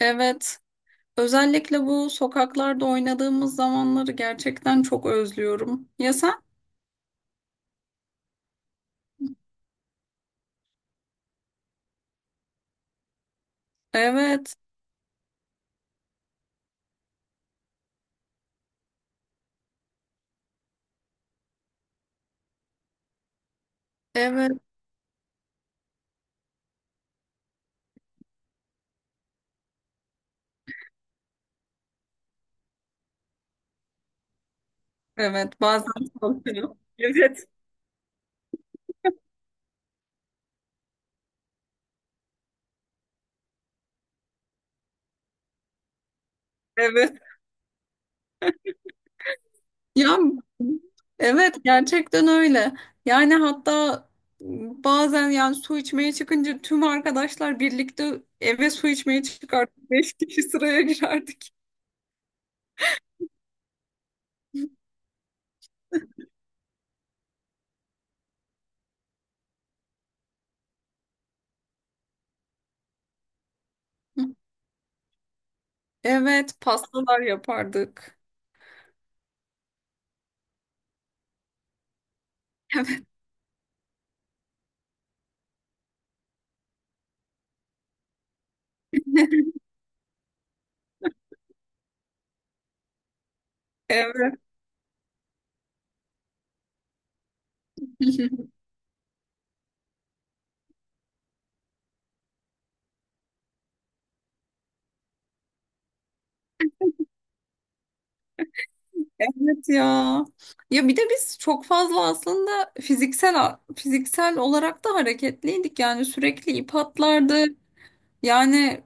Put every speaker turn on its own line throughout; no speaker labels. Evet. Özellikle bu sokaklarda oynadığımız zamanları gerçekten çok özlüyorum. Ya sen? Evet. Evet. Evet. Bazen korkuyorum. Evet. Evet. Ya, evet, gerçekten öyle. Yani hatta bazen su içmeye çıkınca tüm arkadaşlar birlikte eve su içmeye çıkardık. Beş kişi sıraya girerdik. Evet. Pastalar yapardık. Evet. Evet. Evet ya. Ya bir de biz çok fazla aslında fiziksel olarak da hareketliydik. Yani sürekli ip atlardı. Yani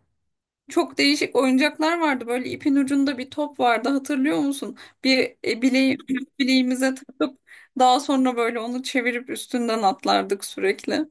çok değişik oyuncaklar vardı. Böyle ipin ucunda bir top vardı. Hatırlıyor musun? Bir bileğimize takıp daha sonra böyle onu çevirip üstünden atlardık sürekli.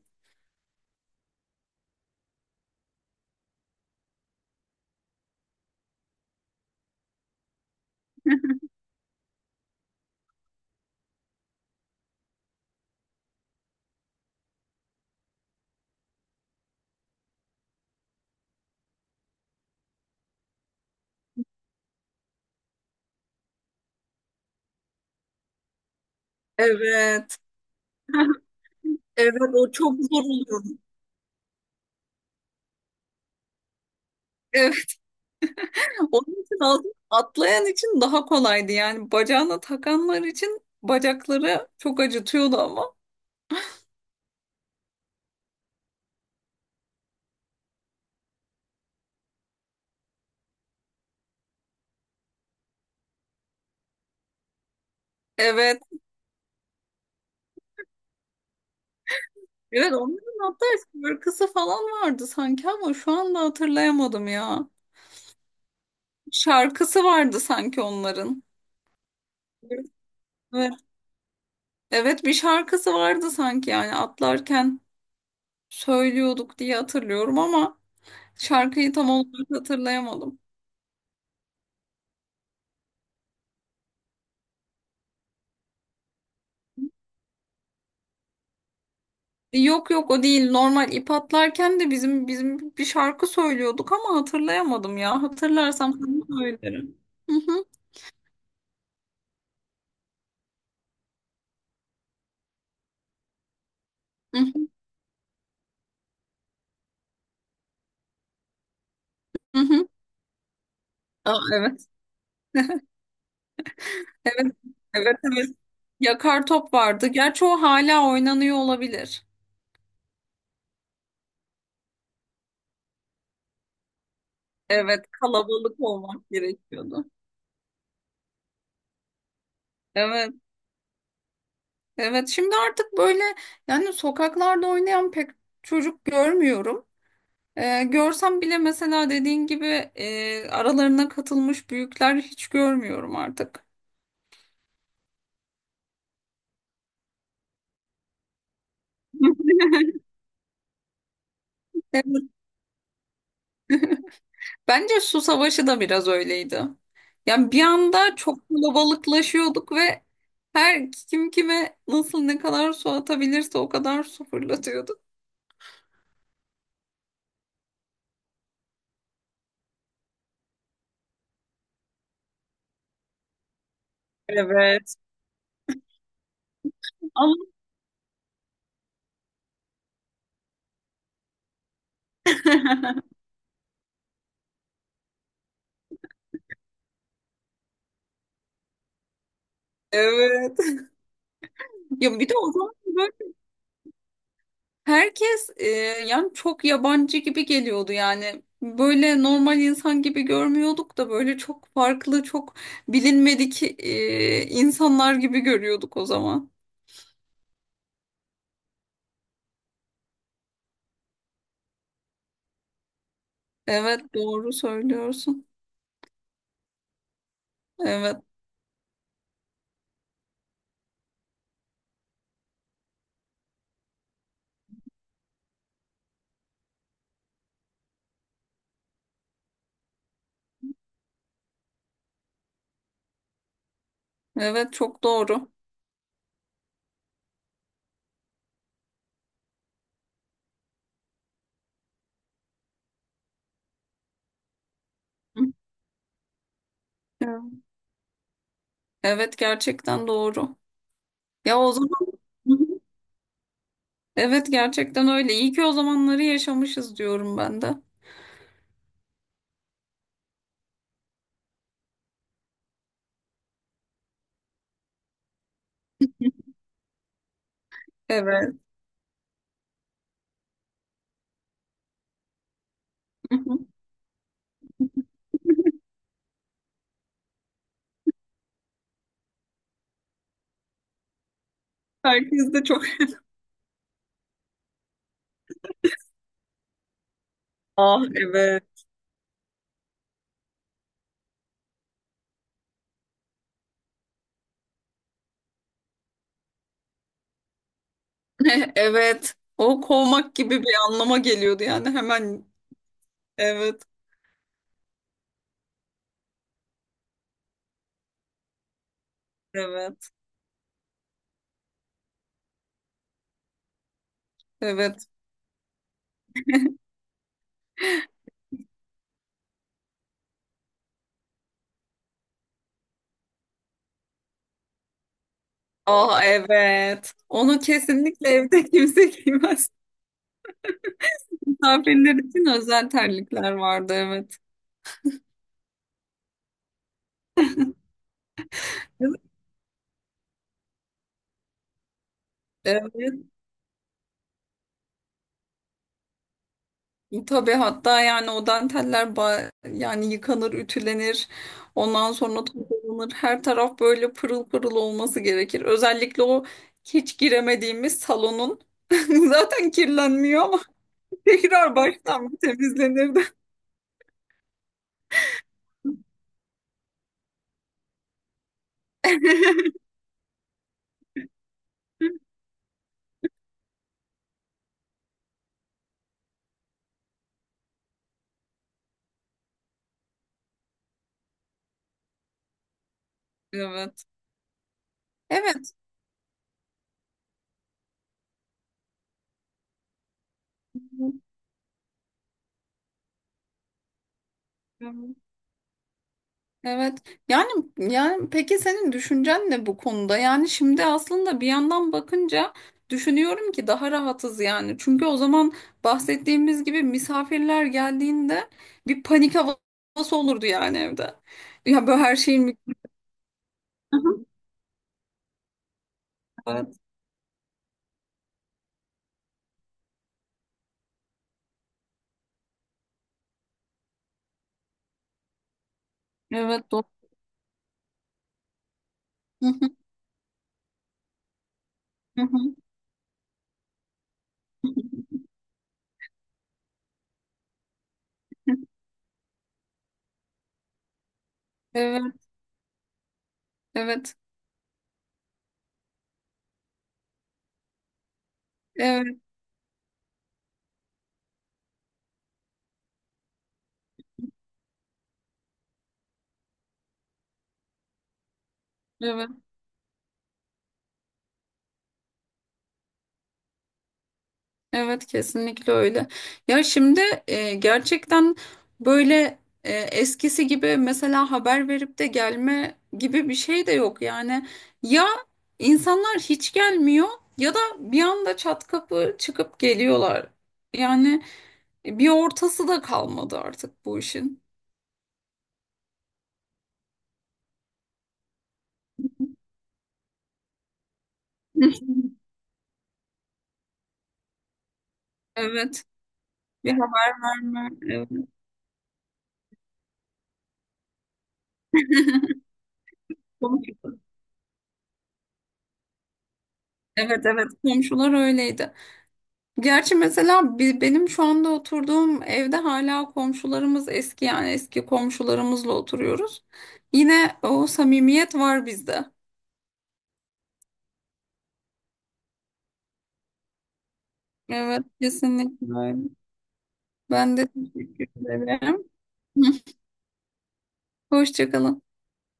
Evet. Evet, o çok zor oluyordu. Onun için atlayan için daha kolaydı. Yani bacağına takanlar için bacakları çok acıtıyordu ama. Evet. Evet, onların hatta şarkısı falan vardı sanki ama şu anda hatırlayamadım ya. Şarkısı vardı sanki onların. Evet. Evet, bir şarkısı vardı sanki yani atlarken söylüyorduk diye hatırlıyorum ama şarkıyı tam olarak hatırlayamadım. Yok, yok, o değil. Normal ip atlarken de bizim bir şarkı söylüyorduk ama hatırlayamadım ya. Hatırlarsam sana söylerim. Hı hı, hı hı, hı hı. Aa, evet. Evet. Evet, evet. Yakar top vardı. Gerçi o hala oynanıyor olabilir. Evet, kalabalık olmak gerekiyordu. Evet. Evet. Şimdi artık böyle yani sokaklarda oynayan pek çocuk görmüyorum. Görsem bile mesela dediğin gibi aralarına katılmış büyükler hiç görmüyorum artık. Evet. Bence su savaşı da biraz öyleydi. Yani bir anda çok kalabalıklaşıyorduk ve her kim kime nasıl ne kadar su atabilirse o kadar su fırlatıyordu. Evet. Ama evet. Ya bir de o zaman böyle herkes yani çok yabancı gibi geliyordu yani. Böyle normal insan gibi görmüyorduk da böyle çok farklı, çok bilinmedik insanlar gibi görüyorduk o zaman. Evet, doğru söylüyorsun. Evet. Evet, çok doğru. Evet, evet, gerçekten doğru. Ya, o zaman. Hı hı. Evet, gerçekten öyle. İyi ki o zamanları yaşamışız diyorum ben de. Evet. Hı hı. Herkes de çok. Ah, evet. Evet. O kovmak gibi bir anlama geliyordu yani hemen. Evet. Evet. Evet. Ah, evet. Onu kesinlikle evde kimse giymez. Misafirler için özel terlikler vardı, evet. Evet. Tabii hatta yani o danteller yani yıkanır, ütülenir. Ondan sonra toplanır. Her taraf böyle pırıl pırıl olması gerekir. Özellikle o hiç giremediğimiz salonun zaten kirlenmiyor ama tekrar baştan bir temizlenirdi. Evet. Evet. Evet. Yani yani peki senin düşüncen ne bu konuda? Yani şimdi aslında bir yandan bakınca düşünüyorum ki daha rahatız yani. Çünkü o zaman bahsettiğimiz gibi misafirler geldiğinde bir panik havası olurdu yani evde. Ya böyle her şeyin mü- Evet. Evet, doğru. Evet. Evet. Evet. Evet. Evet, kesinlikle öyle. Ya şimdi gerçekten böyle eskisi gibi mesela haber verip de gelme gibi bir şey de yok. Yani ya insanlar hiç gelmiyor ya da bir anda çat kapı çıkıp geliyorlar. Yani bir ortası da kalmadı artık bu işin. Evet, bir haber verme. Evet, komşular. Evet, evet, komşular öyleydi. Gerçi mesela benim şu anda oturduğum evde hala komşularımız eski yani eski komşularımızla oturuyoruz. Yine o samimiyet var bizde. Evet, kesinlikle öyle. Ben de teşekkür ederim. Hoşça kalın.